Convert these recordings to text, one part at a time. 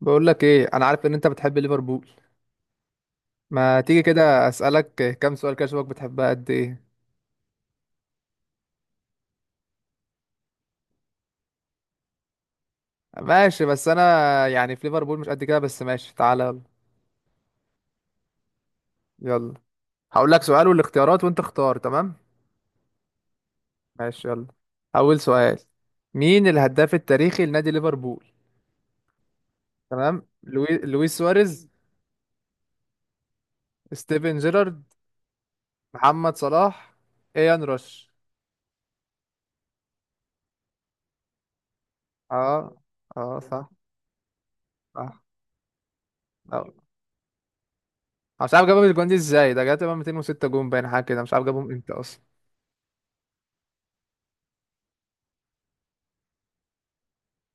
بقول لك ايه، انا عارف ان انت بتحب ليفربول. ما تيجي كده اسالك كام سؤال كده اشوفك بتحبها قد ايه. ماشي بس انا يعني في ليفربول مش قد كده، بس ماشي تعالى يلا. يلا هقول لك سؤال والاختيارات وانت اختار. تمام ماشي يلا. اول سؤال، مين الهداف التاريخي لنادي ليفربول؟ تمام، لويس سواريز، ستيفن جيرارد، محمد صلاح، ايان روش. اه، اه صح صح. آه. أنا مش عارف جابهم الجوان دي ازاي، ده جاب تقريبا 206 جون باين حاجه كده، مش عارف جابهم امتى اصلا.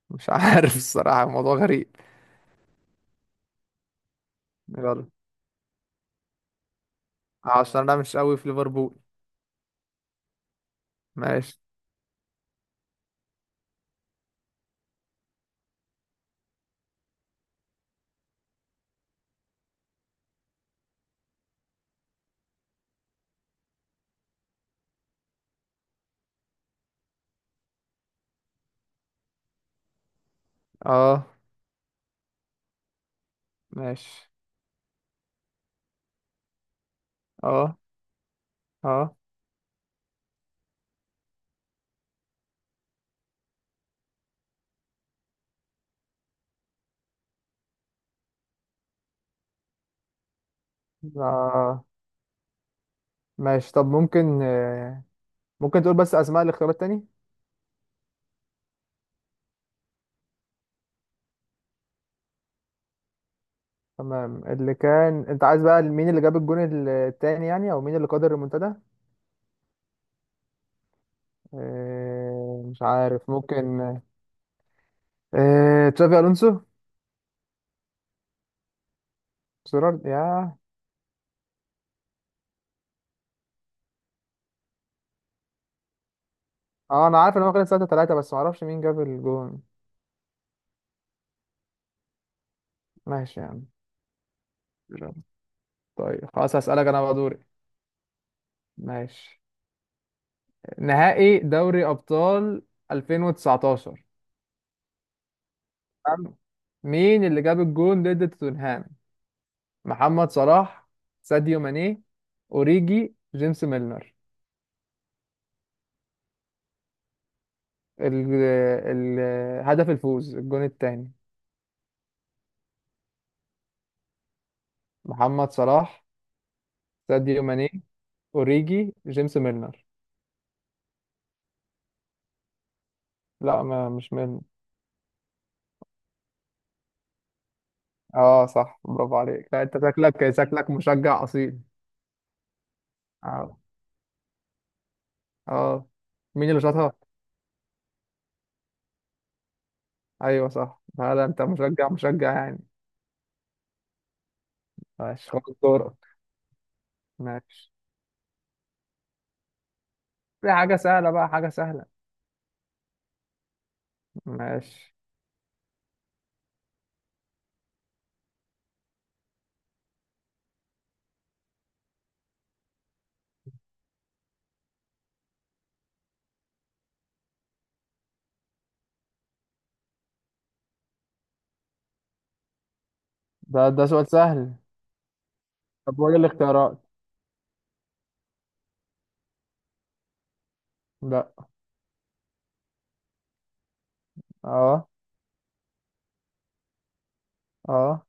مش عارف الصراحة الموضوع غريب. يلا عشان انا مش قوي في ليفربول. ماشي. اه. ماشي. اه. اه. آه. ماشي، طب ممكن ممكن تقول بس اسماء الاختيارات تاني. تمام اللي كان انت عايز بقى، مين اللي جاب الجون التاني يعني، او مين اللي قدر المنتدى. مش عارف ممكن تشافي الونسو. سيرارد يا. اه انا عارف ان هو خلص 3-3 بس ما اعرفش مين جاب الجون. ماشي يعني. يلا. طيب خلاص هسألك انا بقى دوري. ماشي. نهائي دوري ابطال 2019. تمام؟ مين اللي جاب الجون ضد توتنهام؟ محمد صلاح، ساديو ماني، اوريجي، جيمس ميلنر. ال- هدف الفوز الجون الثاني، محمد صلاح، ساديو ماني، اوريجي، جيمس ميلنر. لا ما مش ميلنر. اه صح، برافو عليك. لا انت شكلك شكلك مشجع اصيل. اه، اه. مين اللي شاطها؟ ايوه صح. لا لا، انت مشجع مشجع يعني. ماشي خد الدور. ماشي. في حاجة سهلة بقى، حاجة سهلة. ماشي. ده سؤال سهل. طب وايه الاختيارات؟ لا. اه. اه.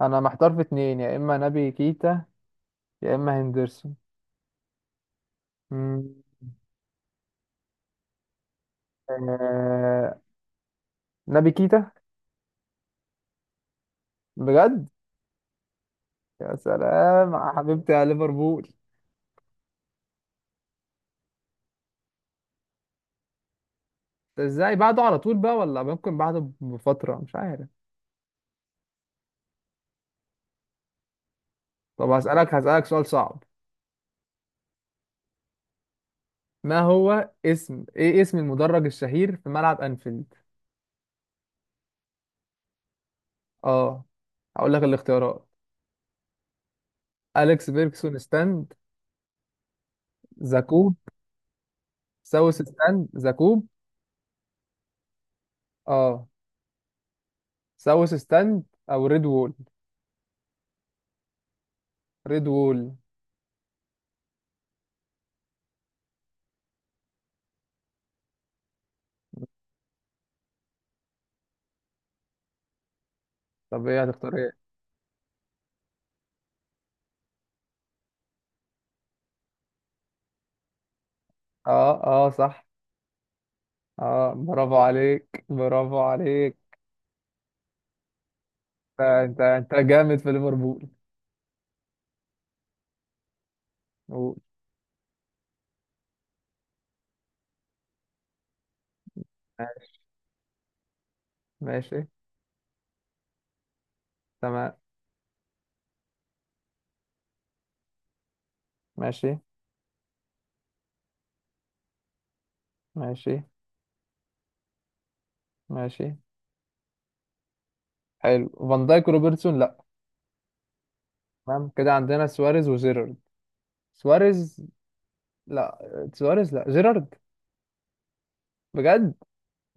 انا محتار في اتنين، يا اما نبي كيتا يا اما هندرسون. مم. آه... نبي كيتا. بجد؟ يا سلام يا حبيبتي يا ليفربول. ده ازاي بعده على طول بقى ولا ممكن بعده بفترة، مش عارف. طب هسألك سؤال صعب. ما هو اسم، ايه اسم المدرج الشهير في ملعب انفيلد؟ اه. هقول لك الاختيارات، أليكس بيركسون ستاند، زاكوب، ساوث ستاند زاكوب. اه، ساوث ستاند، او ريد وول. ريد وول. طب ايه، هتختار ايه؟ اه، اه صح. اه برافو عليك، برافو عليك. آه، انت انت جامد في ليفربول. قول. ماشي. تمام. ماشي. ماشي. ماشي. حلو، فان دايك وروبرتسون لا. تمام كده، عندنا سواريز وجيرارد. سواريز. لا، سواريز لا، جيرارد. بجد؟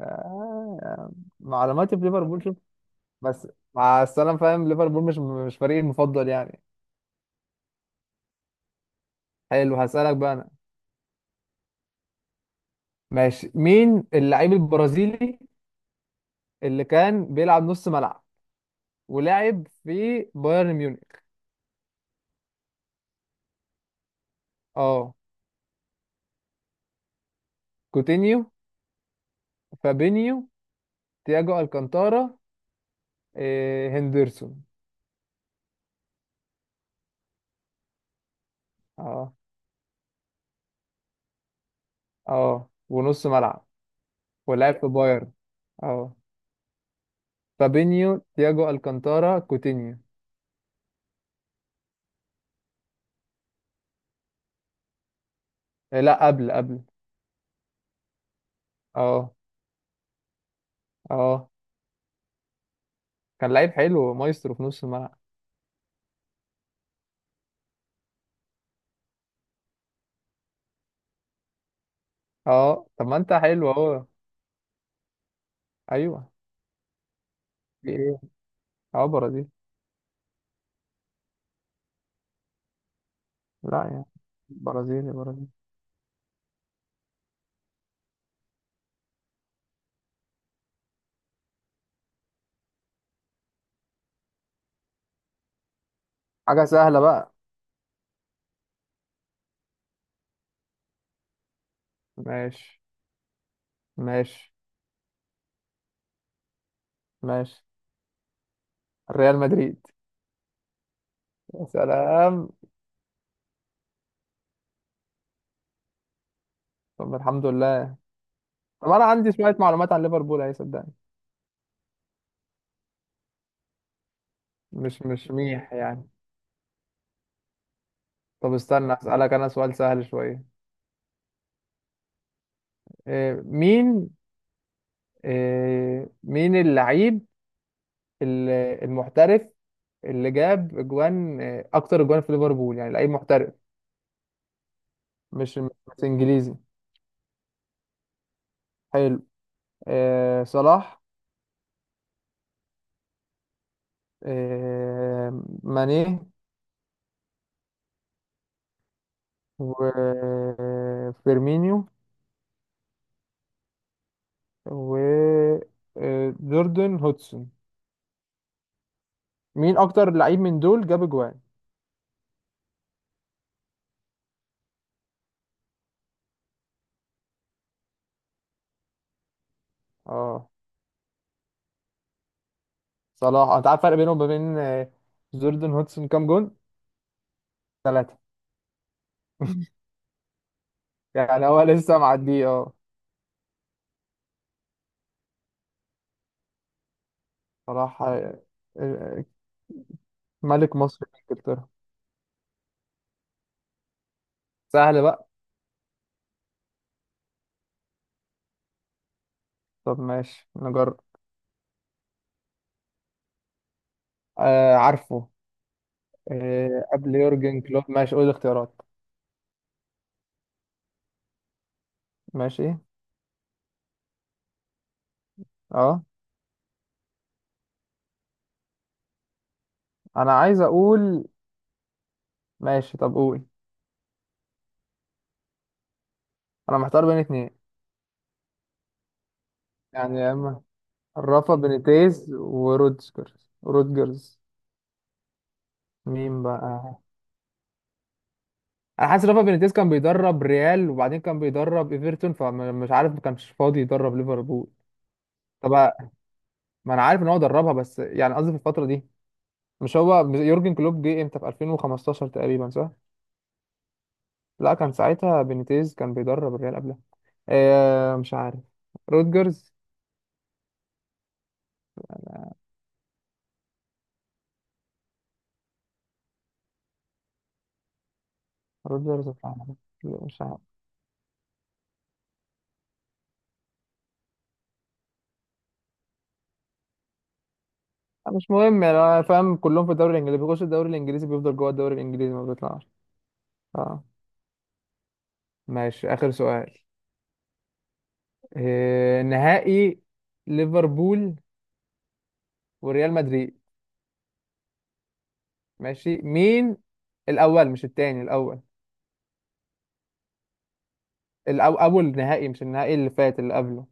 آه. معلوماتي في ليفربول. بس مع السلامة، فاهم ليفربول مش فريقي المفضل يعني. حلو هسألك بقى أنا. ماشي. مين اللعيب البرازيلي اللي كان بيلعب نص ملعب ولعب في بايرن ميونخ؟ اه. كوتينيو، فابينيو، تياجو الكانتارا، إيه هندرسون. اه. اه، ونص ملعب ولعب في بايرن. اه. فابينيو، تياجو الكانتارا، كوتينيو. إيه لا، قبل قبل. اه. اه. كان لعيب حلو مايسترو في نص الملعب. اه طب ما انت حلو اهو. ايوه. دي ايه؟ اه، برازيل. لا يعني، برازيلي برازيلي. حاجه سهله بقى. ماشي. ماشي. ماشي. ريال مدريد. يا سلام. طب الحمد لله. طب انا عندي شويه معلومات عن ليفربول اهي، صدقني مش ميح يعني. طب استنى اسالك انا سؤال سهل شويه. إيه مين، اللعيب ال- المحترف اللي جاب اجوان اكتر اجوان في ليفربول، يعني لعيب محترف مش انجليزي. حلو. آه صلاح، ماني، وفيرمينيو، وجوردن هودسون. مين اكتر لعيب من دول جاب جوان؟ اه، صلاح. انت عارف الفرق بينهم وبين جوردن هودسون كام جون؟ ثلاثة. يعني هو لسه معديه اه. صلاح، آه، ملك مصر في انجلترا. سهل بقى. طب ماشي نجرب. آه عارفه. آه قبل يورجن كلوب، ماشي قول الاختيارات. ماشي. اه انا عايز اقول. ماشي طب قول. انا محتار بين اتنين يعني، يا اما رافا بينيتيز ورودجرز. رودجرز. مين بقى؟ انا حاسس رافا بينيتيز كان بيدرب ريال وبعدين كان بيدرب ايفرتون، فمش عارف ما كانش فاضي يدرب ليفربول. طب، ما انا عارف ان هو دربها بس يعني قصدي في الفتره دي. مش هو يورجن كلوب جه امتى في 2015 تقريبا صح؟ لا كان ساعتها بينيتيز كان بيدرب الريال قبلها. آه مش عارف. رودجرز. رودجرز، مش عارف. مش مهم يعني، انا فاهم كلهم في الدوري الانجليزي، بيخش الدوري الانجليزي بيفضل جوه الدوري الانجليزي ما بيطلعش. اه. ماشي اخر سؤال. إيه نهائي ليفربول وريال مدريد. ماشي. مين الاول، مش التاني الاول. اول نهائي مش النهائي اللي فات، اللي قبله.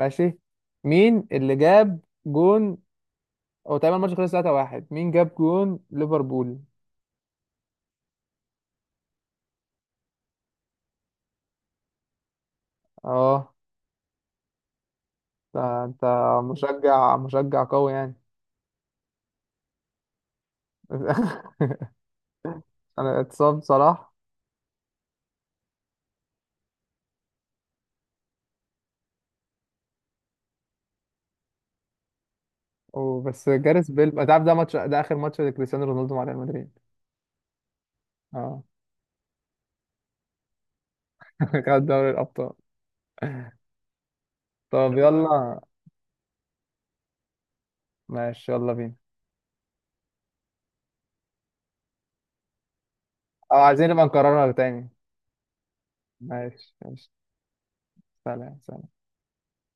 ماشي. مين اللي جاب جون؟ هو تقريبا الماتش خلص 3-1، مين جاب جون ليفربول؟ اه. ده انت مشجع مشجع قوي يعني. انا اتصاب صلاح وبس، جاريث بيل، انت عارف ده ماتش، ده اخر ماتش لكريستيانو رونالدو مع ريال مدريد. اه. خد دوري الابطال. طب يلا. ماشي يلا بينا. او عايزين نبقى نكررها تاني. ماشي ماشي. سلام سلام.